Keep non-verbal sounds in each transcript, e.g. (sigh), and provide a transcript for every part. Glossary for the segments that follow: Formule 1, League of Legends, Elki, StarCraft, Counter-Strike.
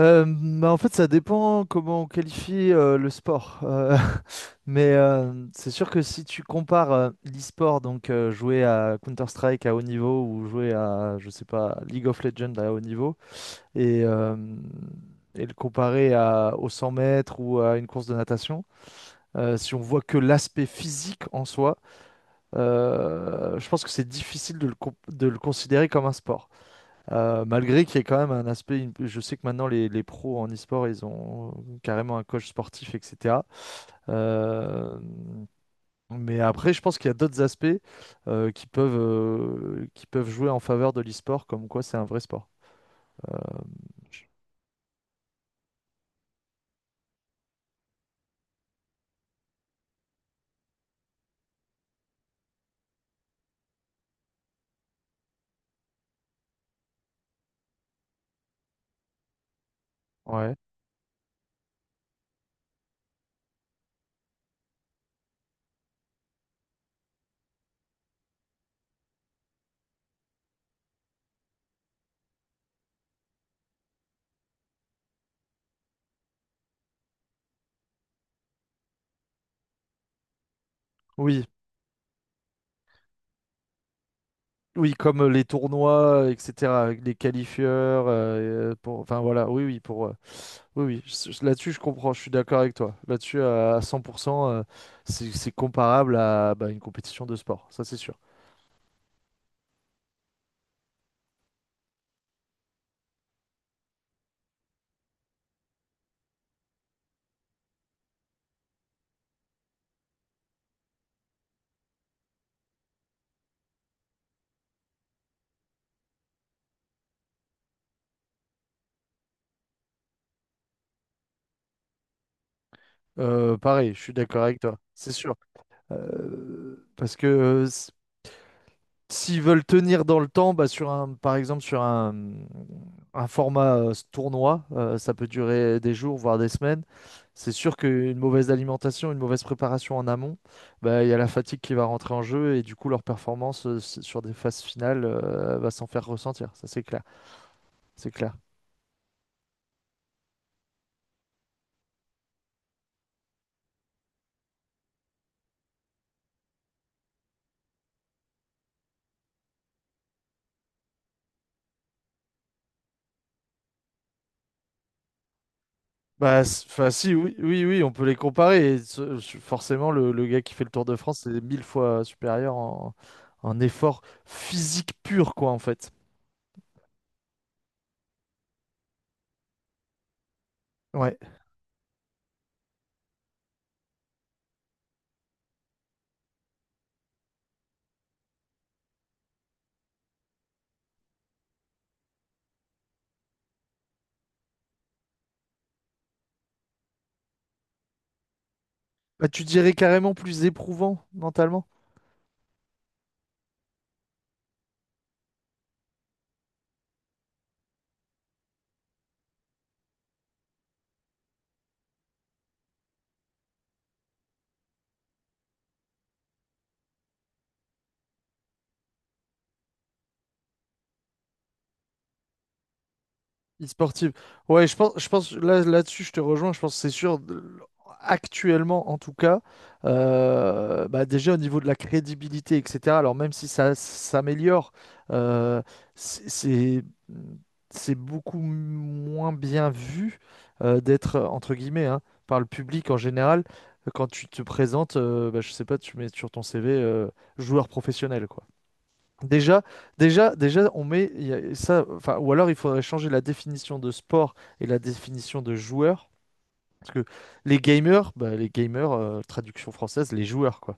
Bah, en fait, ça dépend comment on qualifie le sport. (laughs) Mais c'est sûr que si tu compares l'e-sport, donc jouer à Counter-Strike à haut niveau ou jouer à, je sais pas, League of Legends à haut niveau, et, euh, et le comparer aux 100 mètres ou à une course de natation, si on voit que l'aspect physique en soi, je pense que c'est difficile de le considérer comme un sport. Malgré qu'il y ait quand même un aspect, je sais que maintenant les pros en e-sport, ils ont carrément un coach sportif, etc. Euh, mais après, je pense qu'il y a d'autres aspects qui peuvent jouer en faveur de l'e-sport, comme quoi c'est un vrai sport. Ouais. Oui, oui, comme les tournois, etc., avec les qualifieurs, pour, enfin voilà, oui, oui, pour, oui, oui, là-dessus je comprends, je suis d'accord avec toi. Là-dessus, à 100%, c'est comparable à bah, une compétition de sport, ça c'est sûr. Pareil, je suis d'accord avec toi, c'est sûr. Euh, Parce que s'ils veulent tenir dans le temps, bah, sur un, par exemple sur un format tournoi, ça peut durer des jours, voire des semaines. C'est sûr qu'une mauvaise alimentation, une mauvaise préparation en amont, bah, il y a la fatigue qui va rentrer en jeu et du coup leur performance sur des phases finales va s'en faire ressentir. Ça, c'est clair. C'est clair. Bah, enfin, si, oui, oui, oui, on peut les comparer. Et forcément, le gars qui fait le Tour de France, c'est mille fois supérieur en effort physique pur, quoi, en fait. Ouais. Bah, tu dirais carrément plus éprouvant mentalement, e-sportive. Ouais, je pense là-dessus, je te rejoins. Je pense que c'est sûr. Actuellement en tout cas, bah, déjà au niveau de la crédibilité, etc. Alors même si ça s'améliore, euh, c'est c'est- c'est beaucoup moins bien vu d'être, entre guillemets, hein, par le public en général, quand tu te présentes, bah, je sais pas, tu mets sur ton CV joueur professionnel, quoi. Déjà, déjà, on met ça, enfin, ou alors il faudrait changer la définition de sport et la définition de joueur parce que les gamers, bah, les gamers, traduction française, les joueurs, quoi.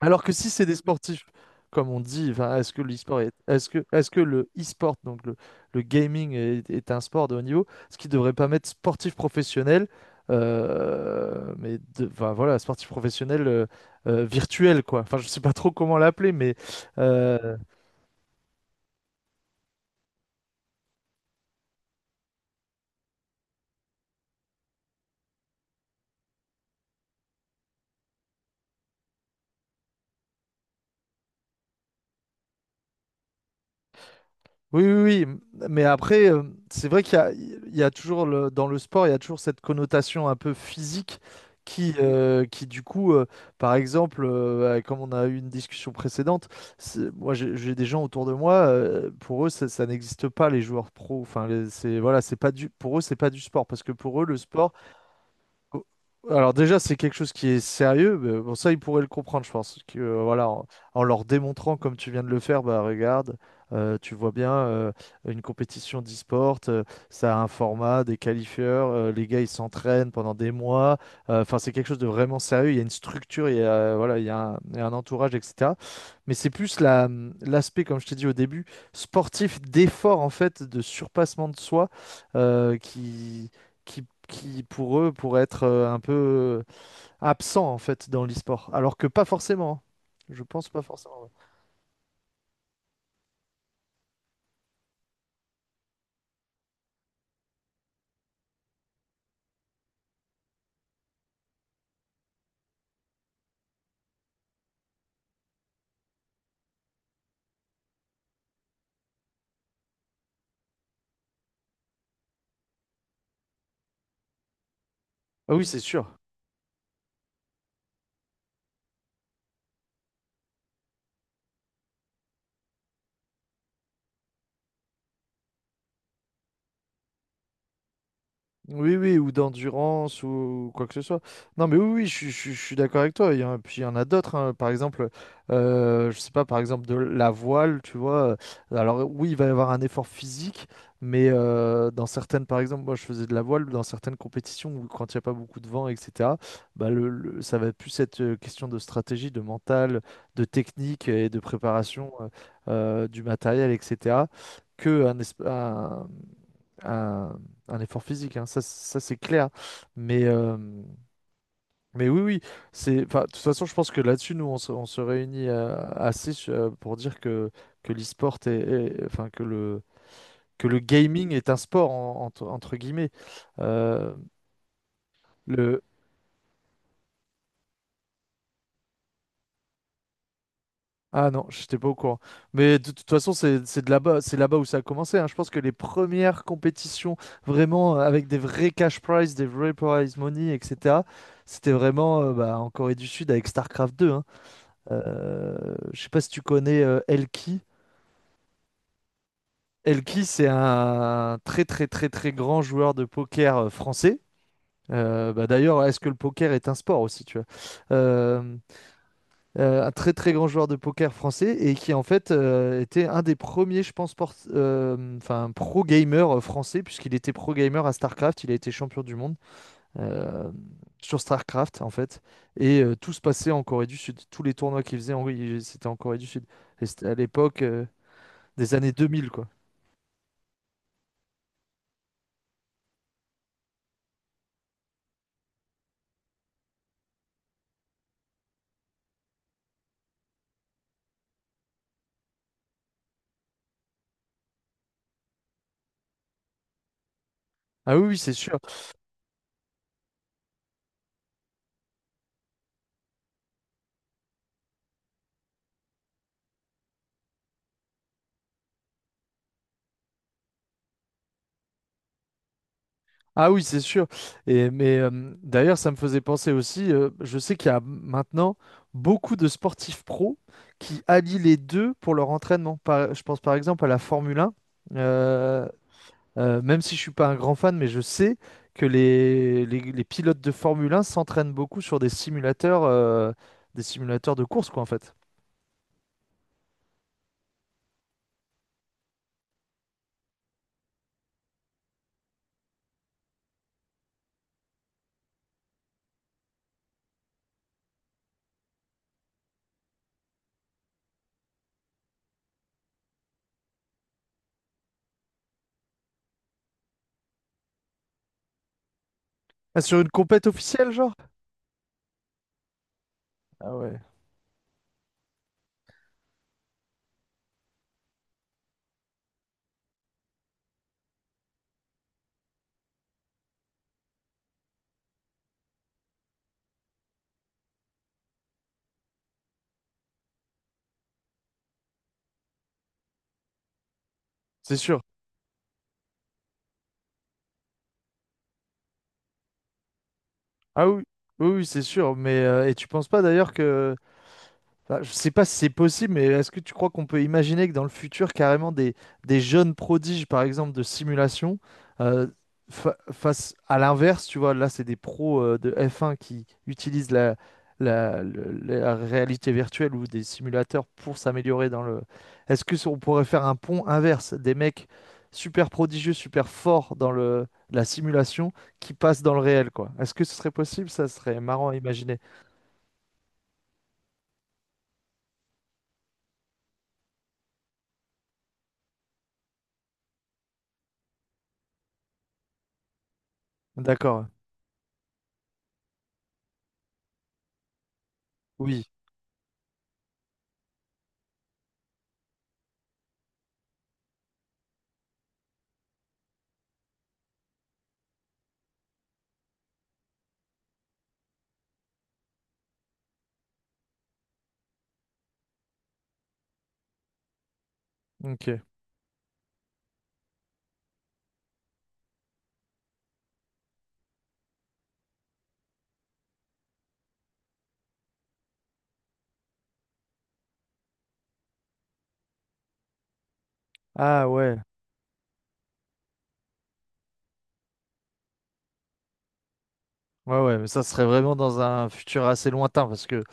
Alors que si c'est des sportifs, comme on dit, enfin, est-ce que l'e-sport est-ce que le e-sport, donc le gaming, est un sport de haut niveau? Ce qui devrait pas mettre sportif professionnel, mais enfin, voilà, sportif professionnel virtuel, quoi. Enfin, je sais pas trop comment l'appeler, mais euh, oui, oui, oui. Mais après, c'est vrai qu'il y a toujours dans le sport, il y a toujours cette connotation un peu physique qui du coup, par exemple, comme on a eu une discussion précédente, moi j'ai des gens autour de moi, pour eux ça, ça n'existe pas les joueurs pros. Enfin, c'est voilà, c'est pas du, pour eux c'est pas du sport parce que pour eux le sport. Oh, alors déjà, c'est quelque chose qui est sérieux. Mais bon, ça, ils pourraient le comprendre, je pense. Que, voilà, en leur démontrant, comme tu viens de le faire, bah regarde, tu vois bien, une compétition d'e-sport, ça a un format, des qualifieurs, les gars, ils s'entraînent pendant des mois. Enfin, c'est quelque chose de vraiment sérieux. Il y a une structure, il y a, voilà, il y a un entourage, etc. Mais c'est plus l'aspect, comme je t'ai dit au début, sportif, d'effort, en fait, de surpassement de soi, euh, qui qui, pour eux, pourraient être un peu absents, en fait, dans l'e-sport. Alors que pas forcément, hein. Je pense pas forcément, ouais. Ah oui, c'est sûr. Oui, oui, ou d'endurance, ou quoi que ce soit. Non, mais oui, oui, je suis d'accord avec toi. Puis il y en a d'autres, hein. Par exemple, je sais pas, par exemple, de la voile, tu vois. Alors, oui, il va y avoir un effort physique, mais dans certaines, par exemple, moi, je faisais de la voile, dans certaines compétitions où, quand il n'y a pas beaucoup de vent, etc., bah, ça va plus être question de stratégie, de mental, de technique et de préparation du matériel, etc., que un, esp- un- un effort physique, hein, ça c'est clair. Mais, euh, mais oui, oui, enfin, de toute façon, je pense que là-dessus, nous, on se réunit assez pour dire que l'e-sport enfin, que le gaming est un sport, entre guillemets. Euh, le... Ah non, je n'étais pas au courant. Mais de, toute façon, c'est de là-bas, c'est là-bas où ça a commencé, hein. Je pense que les premières compétitions, vraiment, avec des vrais cash prizes, des vrais prize money, etc., c'était vraiment bah, en Corée du Sud avec StarCraft deux, hein. Je sais pas si tu connais Elki. Elki, c'est un très très très très grand joueur de poker français. Bah, d'ailleurs, est-ce que le poker est un sport aussi, tu vois? Euh, un très très grand joueur de poker français et qui en fait était un des premiers, je pense, enfin pro gamer français puisqu'il était pro gamer à StarCraft, il a été champion du monde euh, sur StarCraft en fait et tout se passait en Corée du Sud, tous les tournois qu'il faisait, en... oui, c'était en Corée du Sud. Et c'était à l'époque. Des années 2000, quoi. Ah oui, oui, c'est sûr. Ah oui, c'est sûr. Et mais d'ailleurs, ça me faisait penser aussi. Je sais qu'il y a maintenant beaucoup de sportifs pros qui allient les deux pour leur entraînement. Je pense par exemple à la Formule 1. Euh, Même si je suis pas un grand fan, mais je sais que les pilotes de Formule 1 s'entraînent beaucoup sur des simulateurs de course, quoi, en fait. Ah, sur une compète officielle, genre? Ah ouais, c'est sûr. Ah oui, oui, oui, c'est sûr. Mais et tu penses pas d'ailleurs que, enfin, je sais pas si c'est possible, mais est-ce que tu crois qu'on peut imaginer que dans le futur, carrément, des jeunes prodiges, par exemple, de simulation, euh, face à l'inverse, tu vois, là, c'est des pros de F1 qui utilisent la réalité virtuelle ou des simulateurs pour s'améliorer dans le... Est-ce que si on pourrait faire un pont inverse, des mecs super prodigieux, super forts dans la simulation qui passent dans le réel, quoi? Est-ce que ce serait possible? Ça serait marrant à imaginer. D'accord. Oui, ok. Ah ouais, ouais, ouais, mais ça serait vraiment dans un futur assez lointain, parce que,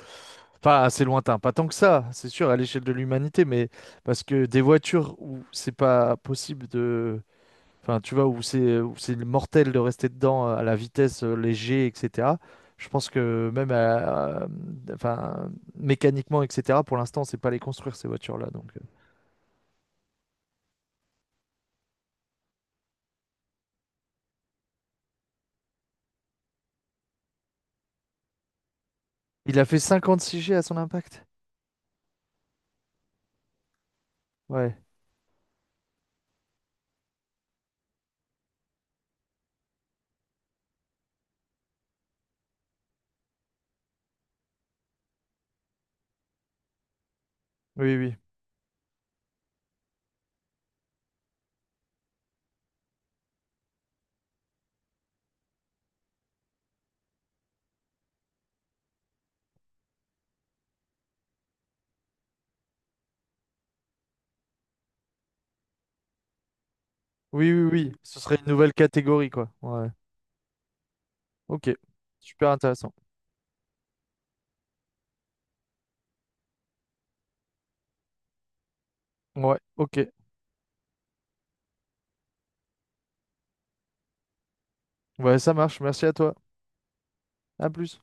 enfin, assez lointain, pas tant que ça, c'est sûr, à l'échelle de l'humanité, mais parce que des voitures où c'est pas possible de, enfin, tu vois, où c'est mortel de rester dedans à la vitesse les G, etc. Je pense que même, enfin, mécaniquement, etc. Pour l'instant, on sait pas les construire ces voitures-là, donc. Il a fait 56 G à son impact. Ouais, oui, oui, oui, oui, oui. Ce serait une nouvelle catégorie, quoi. Ouais. Ok, super intéressant. Ouais, ok. Ouais, ça marche. Merci à toi. À plus.